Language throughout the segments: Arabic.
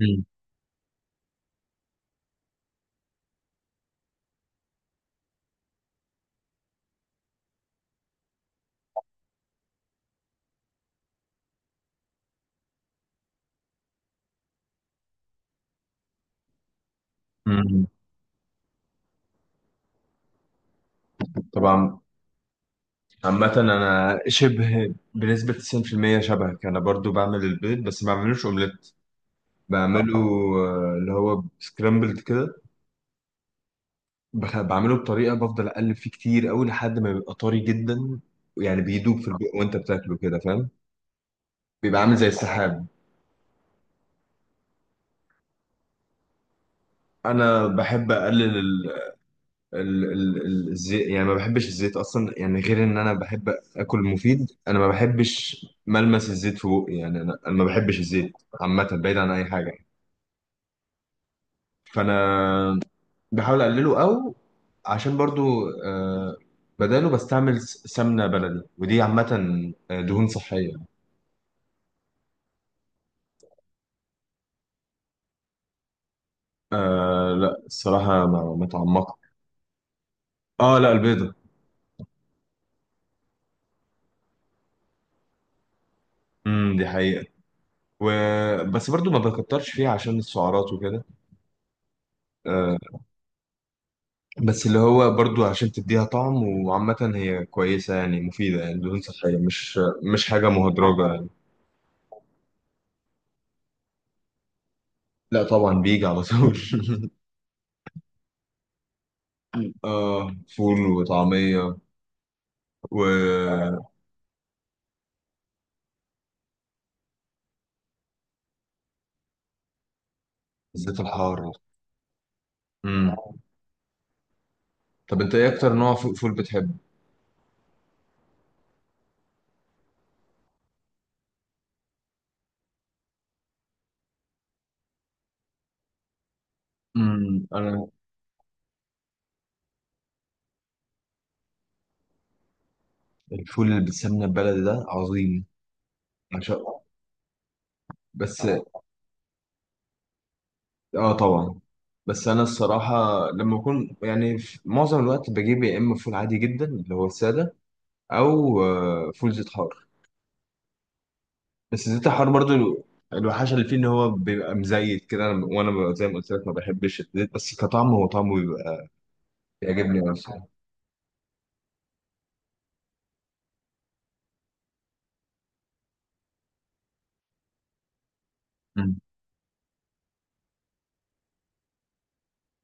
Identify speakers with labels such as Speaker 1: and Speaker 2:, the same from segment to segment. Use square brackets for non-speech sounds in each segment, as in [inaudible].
Speaker 1: مم. مم. طبعا، عامة أنا شبه بنسبة 90% شبهك. أنا برضو بعمل البيض بس ما بعملوش أومليت. بعمله، اللي هو سكرامبلد كده. بعمله بطريقة، بفضل أقلب فيه كتير أوي لحد ما بيبقى طري جدا، يعني بيدوب في البق وأنت بتاكله كده، فاهم؟ بيبقى عامل زي السحاب. أنا بحب أقلل الزيت، يعني ما بحبش الزيت اصلا، يعني غير ان انا بحب اكل مفيد. انا ما بحبش ملمس الزيت في بوقي، يعني أنا ما بحبش الزيت. عامه بعيد عن اي حاجه يعني. فانا بحاول اقلله، او عشان برضو، بداله بستعمل سمنه بلدي، ودي عامه دهون صحيه. آه لا، الصراحه ما اتعمقت. اه لا، البيضه. دي حقيقه. و... بس برضو ما بكترش فيها عشان السعرات وكده. آه، بس اللي هو برضو عشان تديها طعم، وعامة هي كويسة يعني، مفيدة، يعني دهون صحية، مش حاجة مهدرجة يعني. لا طبعا، بيجي على طول. [laughs] مم. اه، فول وطعمية والزيت الحار. مم. طب انت ايه اكتر نوع فول بتحبه؟ مم. انا، الفول اللي بالسمنة البلدي ده عظيم، عشان، بس. اه طبعا، بس انا الصراحة لما اكون، يعني في معظم الوقت بجيب يا اما فول عادي جدا اللي هو السادة، او فول زيت حار. بس زيت الحار برضو، الوحشه اللي فيه ان هو بيبقى مزيت كده. وانا ببقى زي ما قلت لك، ما بحبش الزيت، بس كطعم هو طعمه بيبقى بيعجبني اصلا. أمم.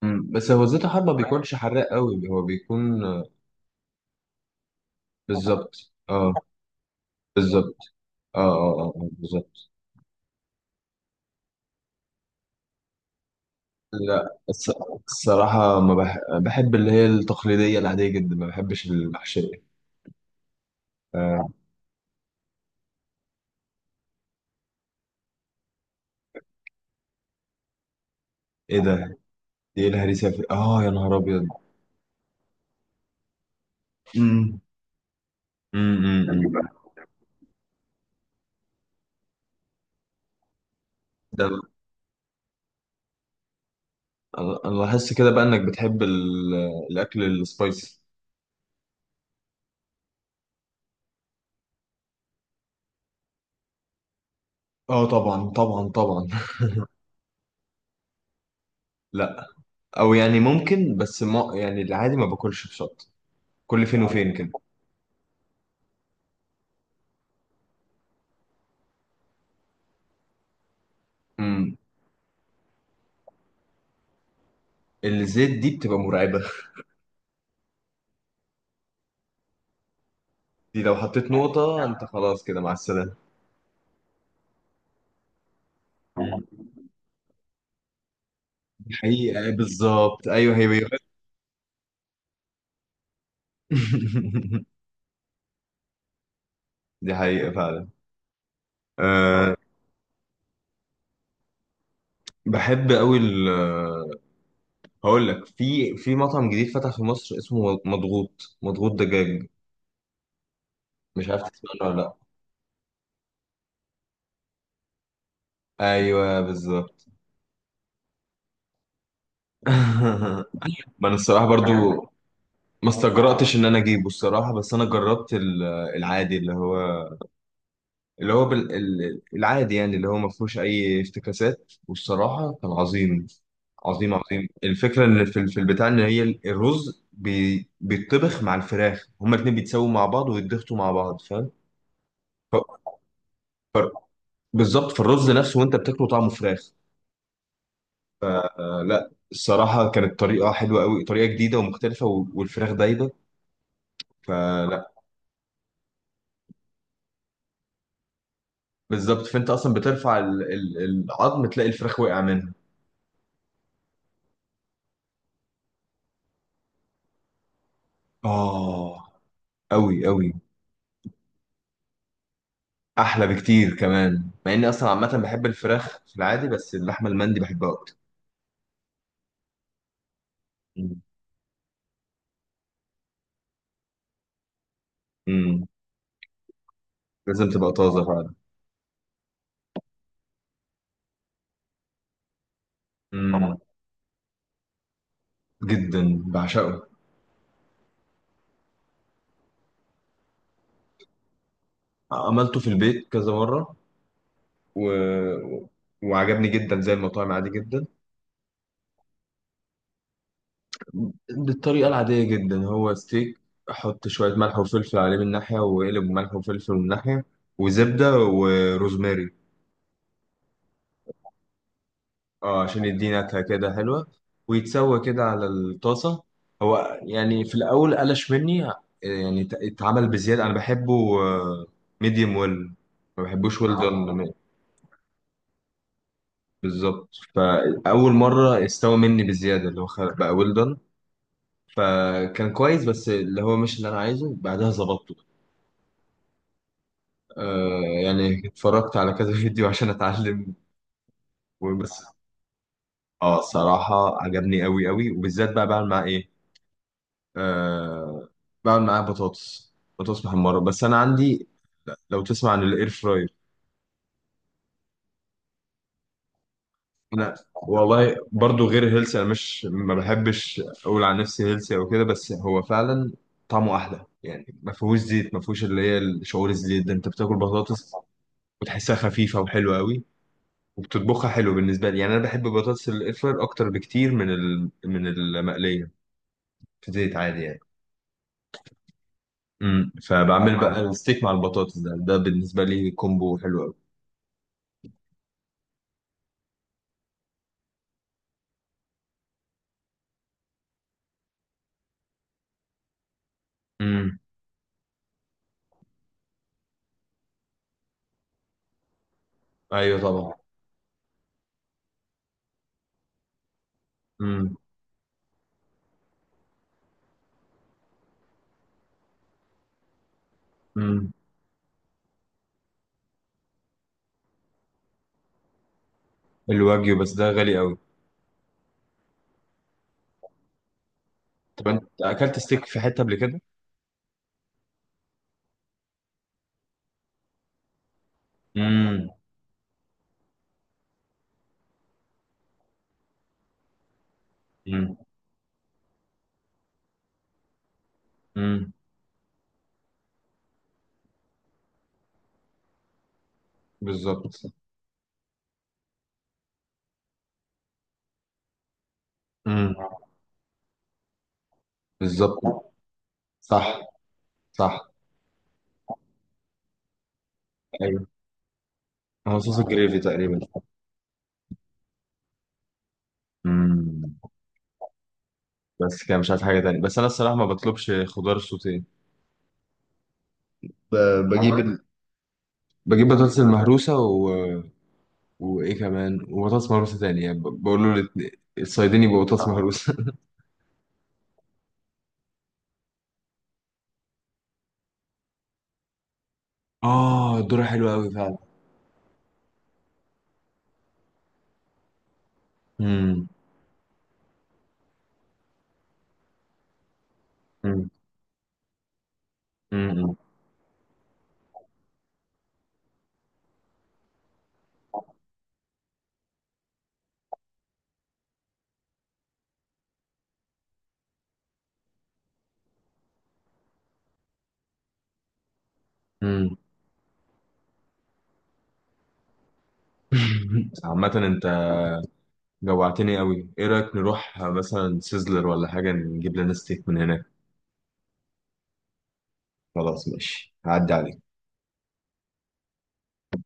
Speaker 1: أمم. بس هو زيت الحار ما بيكونش حراق قوي، هو بيكون بالظبط. اه، بالظبط. اه اه اه، آه، بالظبط. لا، الصراحة ما بح... بحب اللي هي التقليدية العادية جدا، ما بحبش المحشية. آه. ايه ده؟ دي ايه الهريسة؟ اه يا نهار ابيض. امم. امم. أمم. ده أنا لاحظت كده بقى انك بتحب الاكل السبايسي. اه طبعا طبعا طبعا. [laughs] لا، او يعني ممكن، بس ما يعني، العادي ما باكلش بشطه. كل فين اه وفين كده. امم. الزيت دي بتبقى مرعبه، دي لو حطيت نقطه انت، خلاص كده، مع السلامه. آه. دي حقيقه، بالظبط، ايوه، هي هي. [laughs] دي حقيقه فعلا. أه. بحب قوي هقول لك، في مطعم جديد فتح في مصر اسمه مضغوط دجاج، مش عارف تسمع عنه ولا لا. ايوه بالظبط. [laughs] ما انا الصراحه برضو ما استجرأتش ان انا اجيبه الصراحه، بس انا جربت العادي، اللي هو، اللي هو العادي، يعني اللي هو ما فيهوش اي افتكاسات، والصراحه كان عظيم عظيم عظيم. الفكره ان في في البتاع، ان هي الرز بيتطبخ مع الفراخ، هما الاتنين بيتسووا مع بعض ويتضغطوا مع بعض، فاهم؟ ف... ف... بالظبط، في الرز نفسه وانت بتاكله طعمه فراخ. فلا، الصراحه كانت طريقه حلوه قوي، طريقه جديده ومختلفه، والفراخ دايبه. فلا بالظبط، فانت اصلا بترفع العظم، تلاقي الفراخ وقع منها. اه قوي قوي. احلى بكتير كمان، مع اني اصلا عامه بحب الفراخ في العادي، بس اللحمه المندي بحبها اكتر. مم. امم. لازم تبقى طازه فعلا. امم. جدا، بعشقه. عملته في البيت كذا مره، و... وعجبني جدا زي المطاعم، عادي جدا. بالطريقة العادية جدا، هو ستيك، أحط شوية ملح وفلفل عليه من ناحية، وقلب ملح وفلفل من ناحية، وزبدة وروزماري. اه عشان يدي نكهة كده حلوة، ويتسوى كده على الطاسة. هو يعني في الأول قلش مني، يعني اتعمل بزيادة. أنا بحبه ميديوم ويل، ما بحبوش ويل دون. بالظبط، فأول مرة استوى مني بزيادة، اللي هو بقى ويل دون، فكان كويس، بس اللي هو مش اللي أنا عايزه. بعدها ظبطته، يعني اتفرجت على كذا [laughs] فيديو عشان اتعلم، وبس. اه، صراحة عجبني قوي قوي، وبالذات بقى بعمل معاه ايه، آه بعمل معاه بطاطس، بطاطس محمرة. بس انا عندي، لو تسمع عن الاير فراير. انا والله برضو غير هيلثي، انا مش، ما بحبش اقول عن نفسي هيلثي او كده، بس هو فعلا طعمه احلى، يعني ما فيهوش زيت، ما فيهوش اللي هي شعور الزيت ده، انت بتاكل بطاطس وتحسها خفيفة وحلوة قوي. وبتطبخها حلو بالنسبة لي، يعني أنا بحب بطاطس الاير فراير أكتر بكتير من من المقلية في زيت عادي يعني. امم، فبعمل بقى الستيك مع البطاطس، ده بالنسبة لي كومبو حلو أوي. امم. أيوه طبعا. امم. امم. الواجيو بس ده غالي أوي. طب أنت أكلت ستيك في حتة قبل كده؟ امم. امم. امم. بالظبط. امم. بالظبط. صح صح. أيوه. هو صوص الجريفي تقريبا. امم. بس كده مش عارف حاجة تانية، بس أنا الصراحة ما بطلبش خضار سوتيه. بجيب، بجيب بطاطس المهروسة، وإيه كمان، وبطاطس مهروسة تانية، يعني بقول له الصيادين، يبقى بطاطس، اه، مهروسة. [laughs] الذرة حلوة أوي فعلا. مم. مم. مم. مم. [laughs] عامة أنت جوعتني أوي، إيه رأيك نروح مثلا سيزلر ولا حاجة، نجيب لنا ستيك من هناك؟ خلاص ماشي، هعدي عليك.